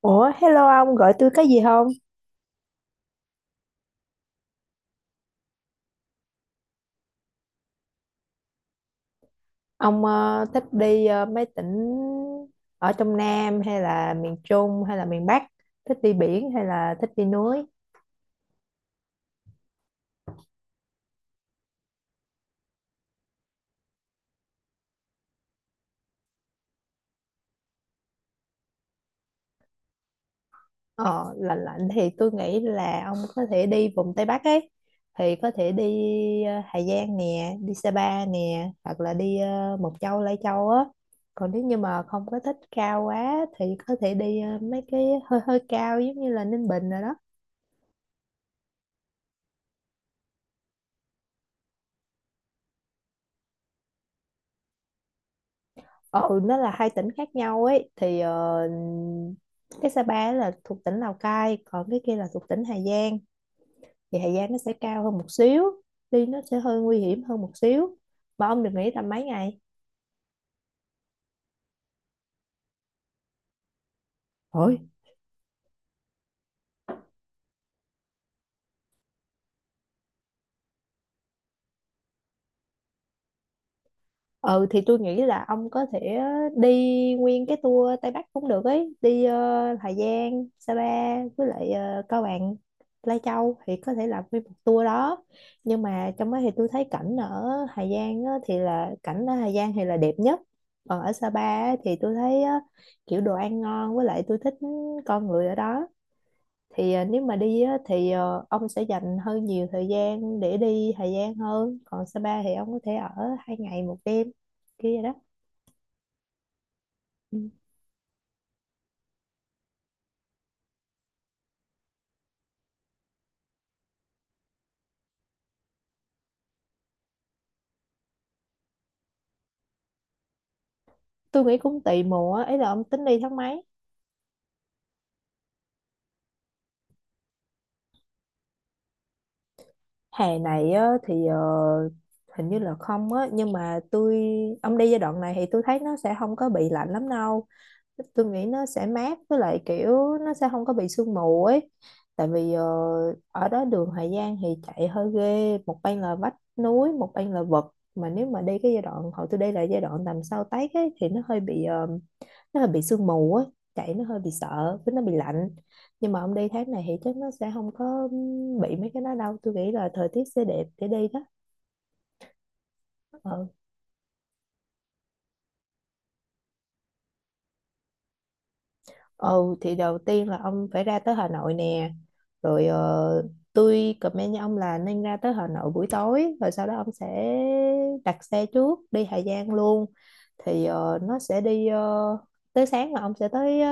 Ủa, hello ông, gọi tôi có gì không? Ông thích đi mấy tỉnh ở trong Nam hay là miền Trung hay là miền Bắc? Thích đi biển hay là thích đi núi? Ờ, lạnh lạnh thì tôi nghĩ là ông có thể đi vùng Tây Bắc ấy. Thì có thể đi Hà Giang nè, đi Sapa nè, hoặc là đi Mộc Châu, Lai Châu á. Còn nếu như mà không có thích cao quá thì có thể đi mấy cái hơi hơi cao giống như là Ninh Bình rồi đó. Ừ, nó là hai tỉnh khác nhau ấy. Thì cái Sapa ấy là thuộc tỉnh Lào Cai, còn cái kia là thuộc tỉnh Hà Giang. Thì Hà Giang nó sẽ cao hơn một xíu, đi nó sẽ hơi nguy hiểm hơn một xíu. Mà ông được nghỉ tầm mấy ngày? Ôi, ừ thì tôi nghĩ là ông có thể đi nguyên cái tour Tây Bắc cũng được ấy, đi Hà Giang Sa Pa với lại Cao Bằng Lai Châu, thì có thể làm nguyên một tour đó. Nhưng mà trong đó thì tôi thấy cảnh ở Hà Giang á, thì là cảnh ở Hà Giang thì là đẹp nhất. Còn ở Sa Pa á thì tôi thấy á, kiểu đồ ăn ngon với lại tôi thích con người ở đó. Thì nếu mà đi á, thì ông sẽ dành hơi nhiều thời gian để đi Hà Giang hơn, còn Sapa thì ông có thể ở 2 ngày 1 đêm kia vậy đó. Ừ. Tôi nghĩ cũng tùy mùa á, ý là ông tính đi tháng mấy? Hè này á, thì hình như là không á, nhưng mà ông đi giai đoạn này thì tôi thấy nó sẽ không có bị lạnh lắm đâu. Tôi nghĩ nó sẽ mát, với lại kiểu nó sẽ không có bị sương mù ấy. Tại vì ở đó đường Hà Giang thì chạy hơi ghê, một bên là vách núi, một bên là vực. Mà nếu mà đi cái giai đoạn hồi tôi đi là giai đoạn tầm sau Tết ấy thì nó hơi bị sương mù ấy, chạy nó hơi bị sợ với nó bị lạnh. Nhưng mà ông đi tháng này thì chắc nó sẽ không có bị mấy cái đó đâu, tôi nghĩ là thời tiết sẽ đẹp để đi đó. Ừ. Ừ thì đầu tiên là ông phải ra tới Hà Nội nè. Rồi tôi comment với ông là nên ra tới Hà Nội buổi tối. Rồi sau đó ông sẽ đặt xe trước đi Hà Giang luôn. Thì nó sẽ đi tới sáng là ông sẽ tới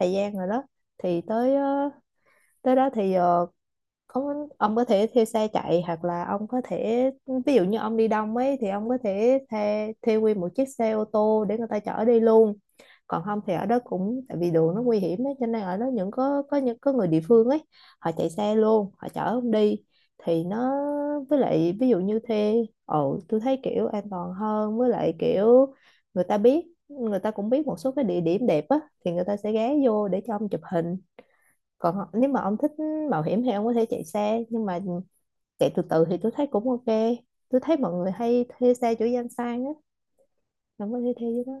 Hà Giang rồi đó. Thì tới đó thì ông có thể thuê xe chạy, hoặc là ông có thể, ví dụ như ông đi đông ấy, thì ông có thể thuê thuê nguyên một chiếc xe ô tô để người ta chở đi luôn. Còn không thì ở đó, cũng tại vì đường nó nguy hiểm ấy, cho nên ở đó những có những có người địa phương ấy, họ chạy xe luôn, họ chở ông đi. Thì nó, với lại ví dụ như thuê. Ồ, tôi thấy kiểu an toàn hơn, với lại kiểu người ta cũng biết một số cái địa điểm đẹp á, thì người ta sẽ ghé vô để cho ông chụp hình. Còn nếu mà ông thích mạo hiểm thì ông có thể chạy xe, nhưng mà chạy từ từ thì tôi thấy cũng ok. Tôi thấy mọi người hay thuê xe chỗ Giang Sang á, ông có thể thuê với đó.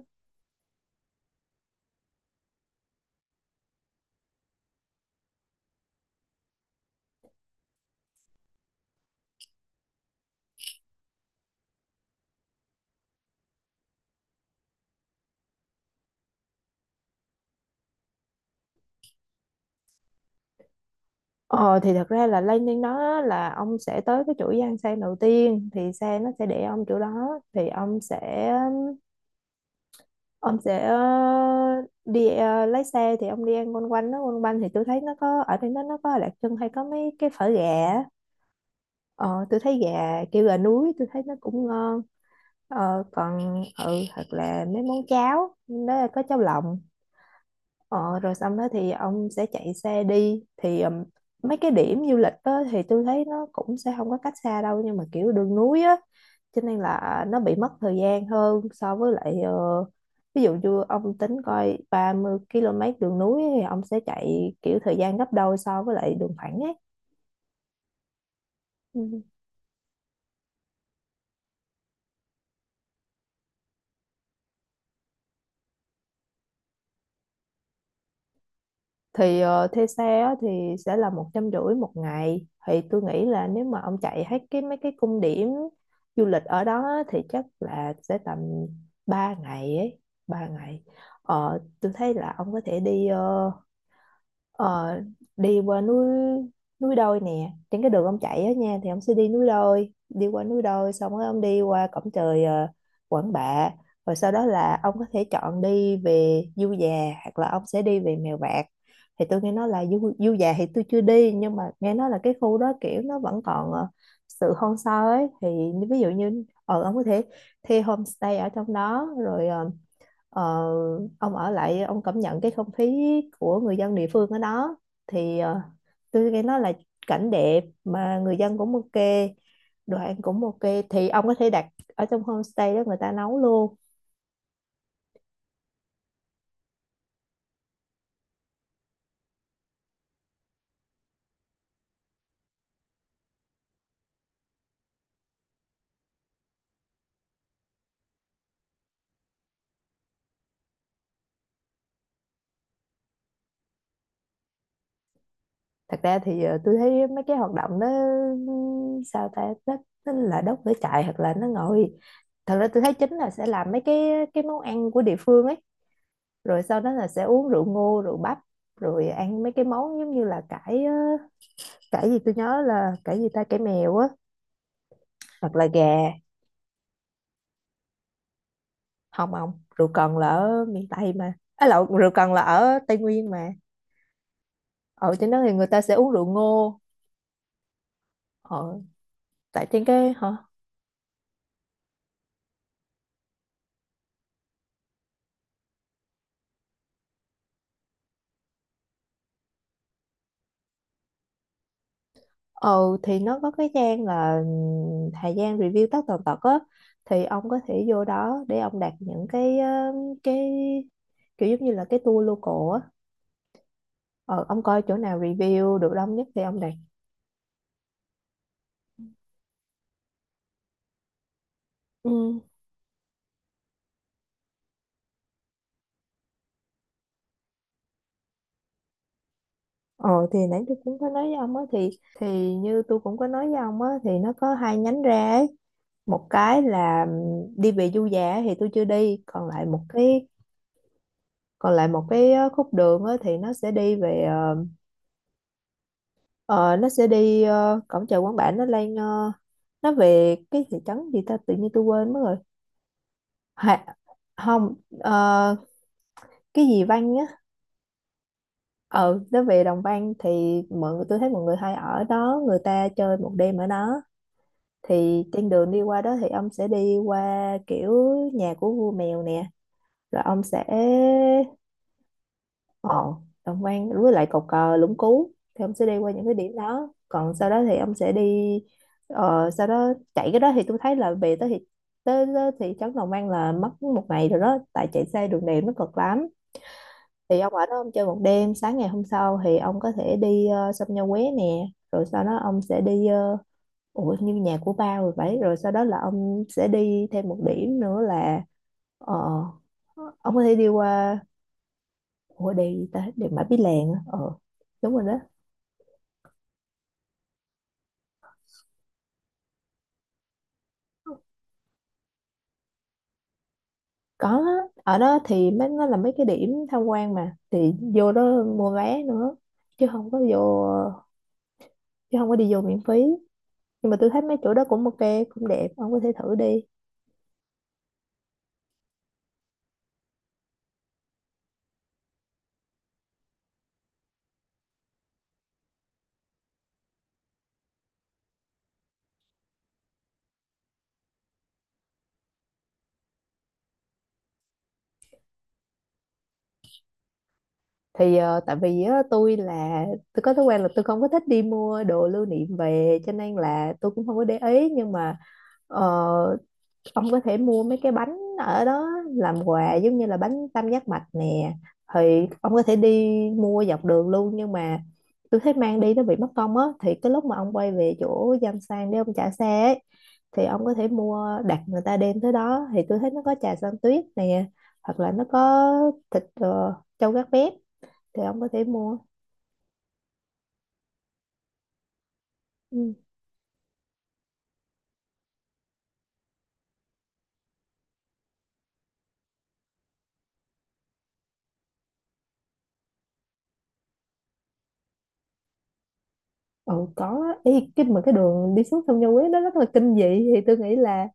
Ờ thì thật ra là landing đó là ông sẽ tới cái chỗ Giang Sang đầu tiên, thì xe nó sẽ để ông chỗ đó, thì ông sẽ đi lái xe, thì ông đi ăn quanh quanh nó quanh quanh. Thì tôi thấy nó có ở trên đó nó có Lạc Chân hay có mấy cái phở gà á. Ờ tôi thấy gà kêu gà núi tôi thấy nó cũng ngon. Còn thật là mấy món cháo đó là có cháo lòng. Ờ, Rồi xong đó thì ông sẽ chạy xe đi, thì mấy cái điểm du lịch đó thì tôi thấy nó cũng sẽ không có cách xa đâu, nhưng mà kiểu đường núi á, cho nên là nó bị mất thời gian hơn so với lại ví dụ như ông tính coi 30 km đường núi thì ông sẽ chạy kiểu thời gian gấp đôi so với lại đường thẳng ấy. Ừ. Thì thuê xe á, thì sẽ là 150 một ngày. Thì tôi nghĩ là nếu mà ông chạy hết cái mấy cái cung điểm du lịch ở đó á, thì chắc là sẽ tầm 3 ngày ấy 3 ngày. Tôi thấy là ông có thể đi Ờ, đi qua núi, núi đôi nè, trên cái đường ông chạy á nha thì ông sẽ đi núi đôi, đi qua núi đôi, xong rồi ông đi qua cổng trời Quảng Bạ. Rồi sau đó là ông có thể chọn đi về Du Già, hoặc là ông sẽ đi về Mèo Vạc. Thì tôi nghe nói là Du Già thì tôi chưa đi, nhưng mà nghe nói là cái khu đó kiểu nó vẫn còn sự hoang sơ ấy. Thì ví dụ như ông có thể thuê homestay ở trong đó, rồi Ờ, ông ở lại ông cảm nhận cái không khí của người dân địa phương ở đó. Thì tôi nghe nói là cảnh đẹp mà người dân cũng ok, đồ ăn cũng ok. Thì ông có thể đặt ở trong homestay đó người ta nấu luôn. Thật ra thì tôi thấy mấy cái hoạt động đó, sao ta, nó là đốt lửa trại hoặc là nó ngồi. Thật ra tôi thấy chính là sẽ làm mấy cái món ăn của địa phương ấy. Rồi sau đó là sẽ uống rượu ngô rượu bắp, rồi ăn mấy cái món giống như là cải. Cải gì, tôi nhớ là cải gì ta, cải mèo á, hoặc là gà. Không ông, rượu cần là ở miền Tây mà, à lộn, rượu cần là ở Tây Nguyên mà. Ở trên đó thì người ta sẽ uống rượu ngô. ờ, Tại trên cái hả. Ờ thì nó có cái trang là thời gian review tất tần tật á, thì ông có thể vô đó để ông đặt những cái cái kiểu giống như là cái tour local á. Ờ, ông coi chỗ nào review được đông nhất thì ông đặt. Ừ. Ờ thì nãy tôi cũng có nói với ông á, thì như tôi cũng có nói với ông á, thì nó có hai nhánh ra ấy. Một cái là đi về du giả thì tôi chưa đi, còn lại một cái khúc đường á thì nó sẽ đi về ờ, ờ, nó sẽ đi ờ, cổng chợ Quán Bản, nó lên nó về cái thị trấn gì ta, tự nhiên tôi quên mất rồi. Hà, không, ờ, cái gì Văn á. Ờ nó về Đồng Văn thì mọi người tôi thấy mọi người hay ở đó, người ta chơi một đêm ở đó. Thì trên đường đi qua đó thì ông sẽ đi qua kiểu nhà của vua mèo nè, rồi ông sẽ, ồ, đồng quan với lại cột cờ Lũng Cú, thì ông sẽ đi qua những cái điểm đó. Còn sau đó thì ông sẽ đi sau đó chạy cái đó thì tôi thấy là về tới thì tới thị trấn Đồng An là mất một ngày rồi đó, tại chạy xe đường đèo nó cực lắm. Thì ông ở đó ông chơi một đêm, sáng ngày hôm sau thì ông có thể đi sông Nho Quế nè. Rồi sau đó ông sẽ đi Ủa như nhà của ba rồi vậy, rồi sau đó là ông sẽ đi thêm một điểm nữa là ờ, ông có thể đi qua, ủa đèo gì ta, đèo Mã Pí Lèng á. Ờ Đúng rồi đó. Có á, ở đó thì mấy nó là mấy cái điểm tham quan mà, thì vô đó mua vé nữa, chứ không có vô chứ không có đi vô miễn phí. Nhưng mà tôi thấy mấy chỗ đó cũng ok, cũng đẹp, ông có thể thử đi. Thì tại vì á, tôi có thói quen là tôi không có thích đi mua đồ lưu niệm về, cho nên là tôi cũng không có để ý. Nhưng mà ờ, ông có thể mua mấy cái bánh ở đó làm quà, giống như là bánh tam giác mạch nè. Thì ông có thể đi mua dọc đường luôn, nhưng mà tôi thấy mang đi nó bị mất công á. Thì cái lúc mà ông quay về chỗ Giang Sang để ông trả xe ấy, thì ông có thể mua, đặt người ta đem tới đó. Thì tôi thấy nó có trà xanh tuyết nè, hoặc là nó có thịt trâu gác bếp, thì ông có thể mua. Ừ. Ừ có á. Ý, cái đường đi xuống sông Nho Quế nó rất là kinh dị. Thì tôi nghĩ là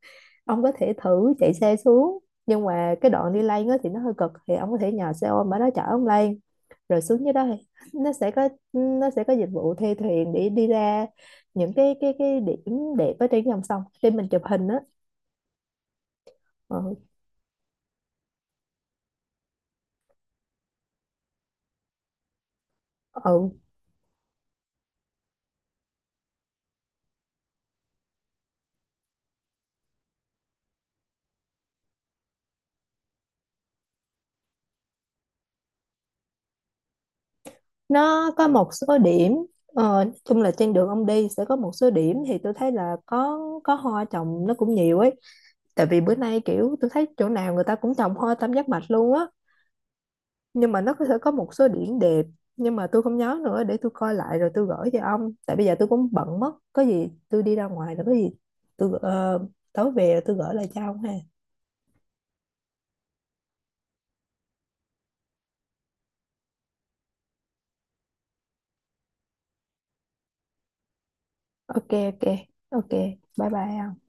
ông có thể thử chạy xe xuống, nhưng mà cái đoạn đi lên á thì nó hơi cực, thì ông có thể nhờ xe ôm ở đó chở ông lên. Rồi xuống dưới đó thì nó sẽ có dịch vụ thuê thuyền để đi ra những cái điểm đẹp ở trên dòng sông để mình chụp hình á. Ừ. Ừ nó có một số điểm. Nói chung là trên đường ông đi sẽ có một số điểm, thì tôi thấy là có hoa trồng nó cũng nhiều ấy, tại vì bữa nay kiểu tôi thấy chỗ nào người ta cũng trồng hoa tam giác mạch luôn á. Nhưng mà sẽ có một số điểm đẹp. Nhưng mà tôi không nhớ nữa, để tôi coi lại rồi tôi gửi cho ông. Tại bây giờ tôi cũng bận mất, có gì tôi đi ra ngoài rồi có gì tôi gửi- ờ, tối về rồi tôi gửi lại cho ông ha. Ok, ok, ok, bye bye ông.